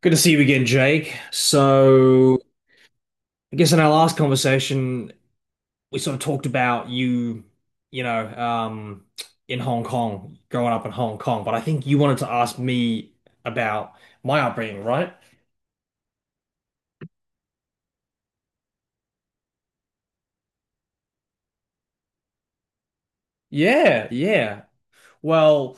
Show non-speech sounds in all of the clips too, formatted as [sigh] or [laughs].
Good to see you again, Jake. I guess in our last conversation, we sort of talked about you, you know, um, in Hong Kong, growing up in Hong Kong. But I think you wanted to ask me about my upbringing, right? Yeah, yeah. Well,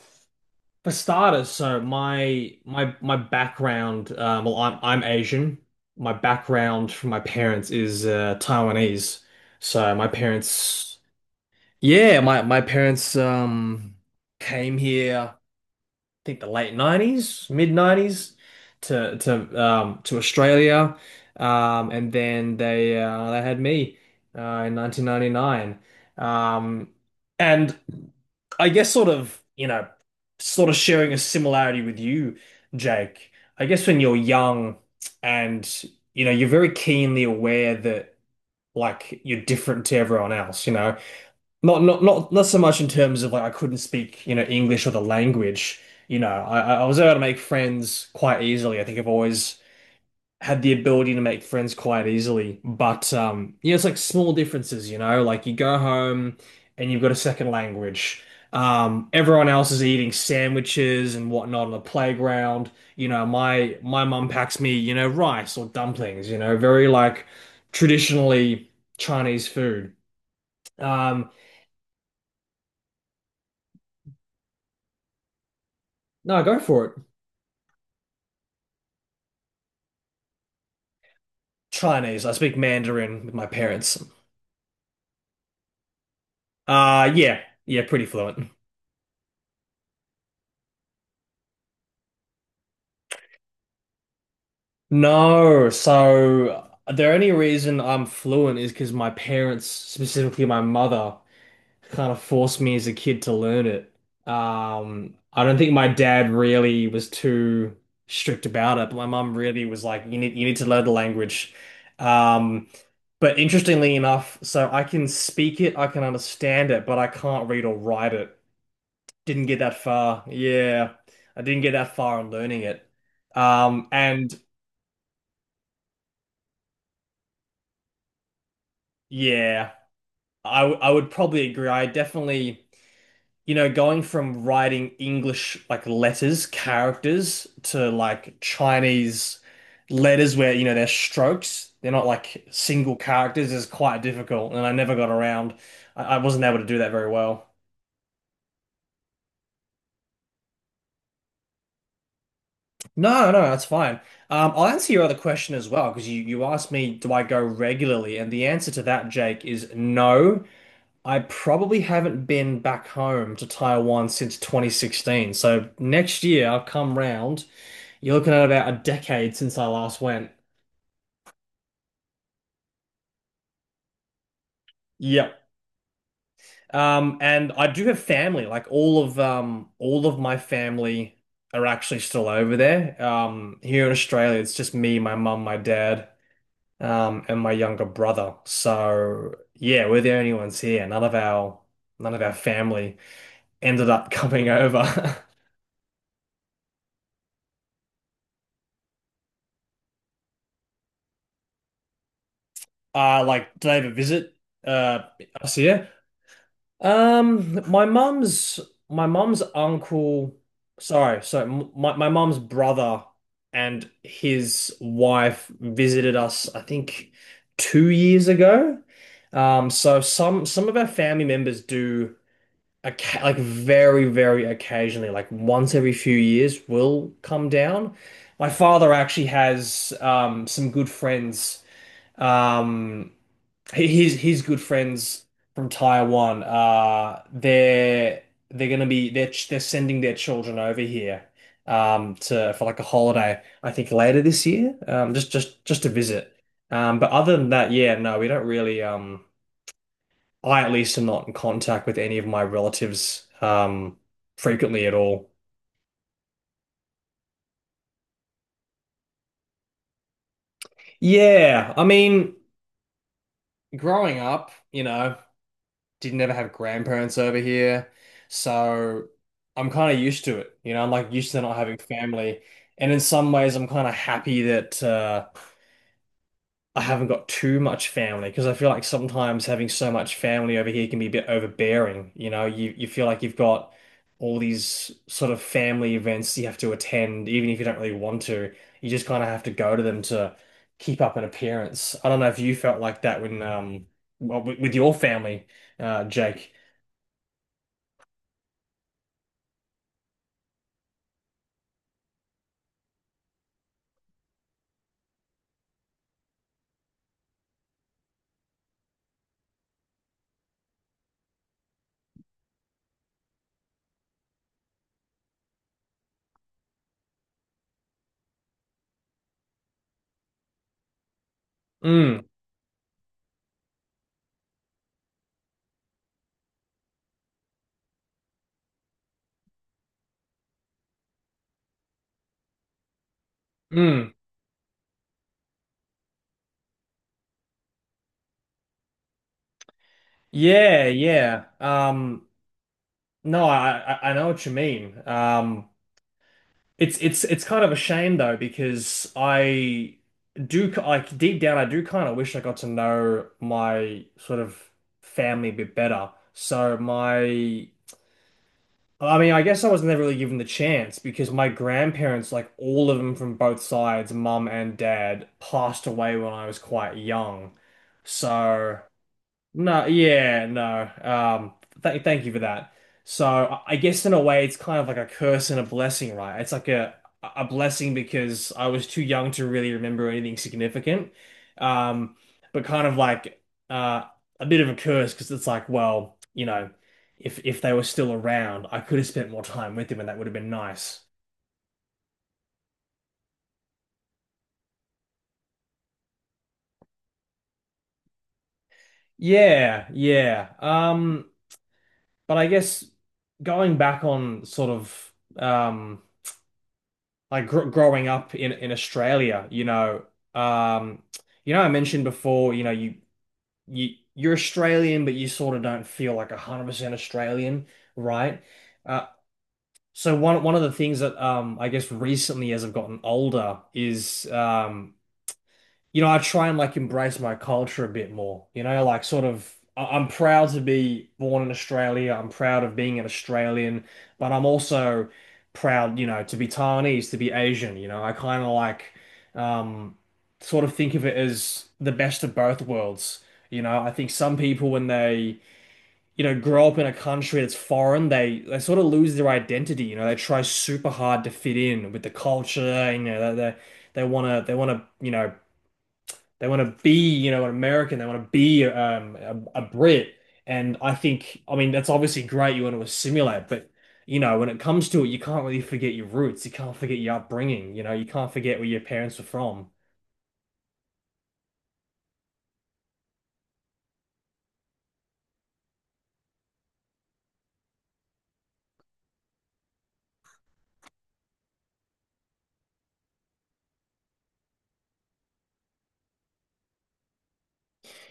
for starters, so my background, well, I'm Asian. My background from my parents is Taiwanese. So my parents. Yeah, my parents came here, I think the late 90s, mid 90s to Australia. And then they had me in 1999. Um and I guess sort of, sort of sharing a similarity with you, Jake. I guess when you're young and you know, you're very keenly aware that like you're different to everyone else, you know. Not so much in terms of like I couldn't speak, you know, English or the language. You know, I was able to make friends quite easily. I think I've always had the ability to make friends quite easily. But yeah, it's like small differences, you know, like you go home and you've got a second language. Everyone else is eating sandwiches and whatnot on the playground. You know, my mum packs me, you know, rice or dumplings, you know, very like traditionally Chinese food. Um, no, go for it. Chinese. I speak Mandarin with my parents. Yeah, yeah, pretty fluent. No, so the only reason I'm fluent is because my parents, specifically my mother, kind of forced me as a kid to learn it. I don't think my dad really was too strict about it, but my mum really was like, you need, you need to learn the language. Um, but interestingly enough, so I can speak it, I can understand it, but I can't read or write it. Didn't get that far. Yeah, I didn't get that far on learning it. And yeah, I would probably agree. I definitely, you know, going from writing English like letters, characters to like Chinese letters where, you know, they're strokes, they're not like single characters is quite difficult, and I never got around. I wasn't able to do that very well. No, no, that's fine. I'll answer your other question as well because you asked me, do I go regularly? And the answer to that, Jake, is no. I probably haven't been back home to Taiwan since 2016. So next year I'll come round. You're looking at about a decade since I last went. Yep. And I do have family. Like all of my family are actually still over there. Here in Australia, it's just me, my mum, my dad, and my younger brother. So yeah, we're the only ones here. None of our family ended up coming over. [laughs] Like, did they ever visit uh us here? Um, my mum's my mum's uncle. Sorry, so my mum's brother and his wife visited us. I think 2 years ago. So some of our family members do Oca, like very, very occasionally, like once every few years, will come down. My father actually has some good friends. Um, he's good friends from Taiwan. They're gonna be they're ch- they're sending their children over here to for like a holiday. I think later this year, um, just to visit. But other than that, yeah, no, we don't really. I at least am not in contact with any of my relatives frequently at all. Yeah, I mean, growing up, you know, didn't ever have grandparents over here, so I'm kind of used to it. You know, I'm like used to not having family, and in some ways, I'm kind of happy that I haven't got too much family because I feel like sometimes having so much family over here can be a bit overbearing. You know, you feel like you've got all these sort of family events you have to attend, even if you don't really want to. You just kind of have to go to them to keep up an appearance. I don't know if you felt like that when with your family, Jake. Mm, mm. Yeah, yeah. No, I know what you mean. Um, it's it's kind of a shame though because I do like deep down I do kind of wish I got to know my sort of family a bit better. So my, I mean I guess I was never really given the chance because my grandparents, like all of them from both sides, mum and dad, passed away when I was quite young. So. No, yeah, no. Th Thank you for that. So I guess in a way, it's kind of like a curse and a blessing, right? It's like a blessing because I was too young to really remember anything significant, um, but kind of like uh, a bit of a curse because it's like, well, you know, if they were still around, I could have spent more time with them, and that would have been nice. Yeah, yeah. But I guess going back on sort of um, like gr growing up in Australia, um, you know, I mentioned before, you know, you're Australian, but you sort of don't feel like 100% Australian, right? Uh, so one of the things that I guess recently as I've gotten older is um, you know, I try and like embrace my culture a bit more. You know, like sort of, I'm proud to be born in Australia. I'm proud of being an Australian, but I'm also proud, you know, to be Taiwanese, to be Asian. You know, I kind of like, um, sort of think of it as the best of both worlds. You know, I think some people when they, you know, grow up in a country that's foreign, they sort of lose their identity. You know, they try super hard to fit in with the culture. You know, they wanna you know they want to be, you know, an American. They want to be a Brit. And I think, I mean, that's obviously great. You want to assimilate, but you know, when it comes to it, you can't really forget your roots. You can't forget your upbringing. You know, you can't forget where your parents were from.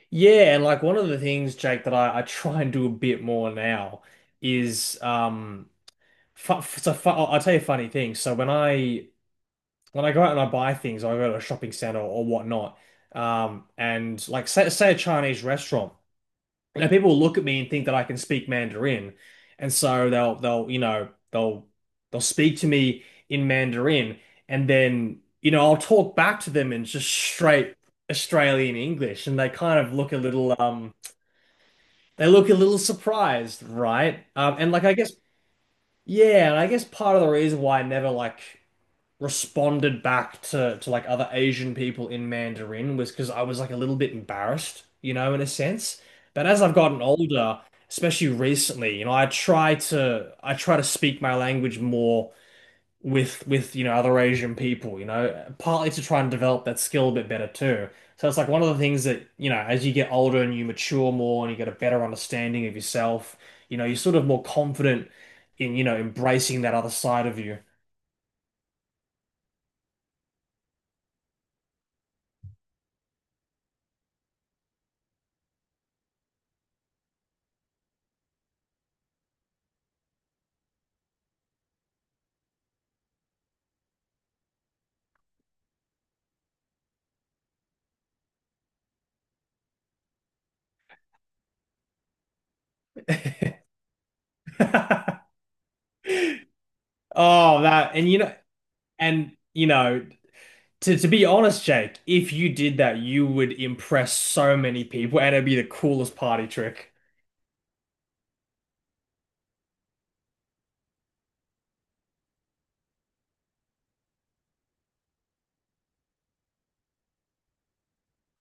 Yeah, and like one of the things, Jake, that I try and do a bit more now is fu so fu I'll tell you a funny thing. So when I go out and I buy things, I go to a shopping center or whatnot, and like say a Chinese restaurant. And people will look at me and think that I can speak Mandarin. And so you know, they'll speak to me in Mandarin and then, you know, I'll talk back to them in just straight Australian English and they kind of look a little they look a little surprised, right? And like I guess yeah, and I guess part of the reason why I never like responded back to like other Asian people in Mandarin was because I was like a little bit embarrassed, you know, in a sense. But as I've gotten older, especially recently, you know, I try to speak my language more with you know other Asian people, you know, partly to try and develop that skill a bit better too. So it's like one of the things that, you know, as you get older and you mature more and you get a better understanding of yourself, you know, you're sort of more confident in, you know, embracing that other side of you. [laughs] Oh, that, and you know, and you know, to be honest, Jake, if you did that, you would impress so many people and it'd be the coolest party trick.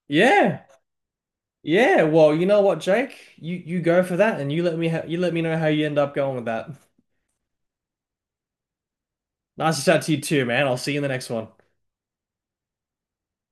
Yeah. Yeah, well, you know what, Jake? You go for that and you let me ha you let me know how you end up going with that. Nice to chat to you too, man. I'll see you in the next one.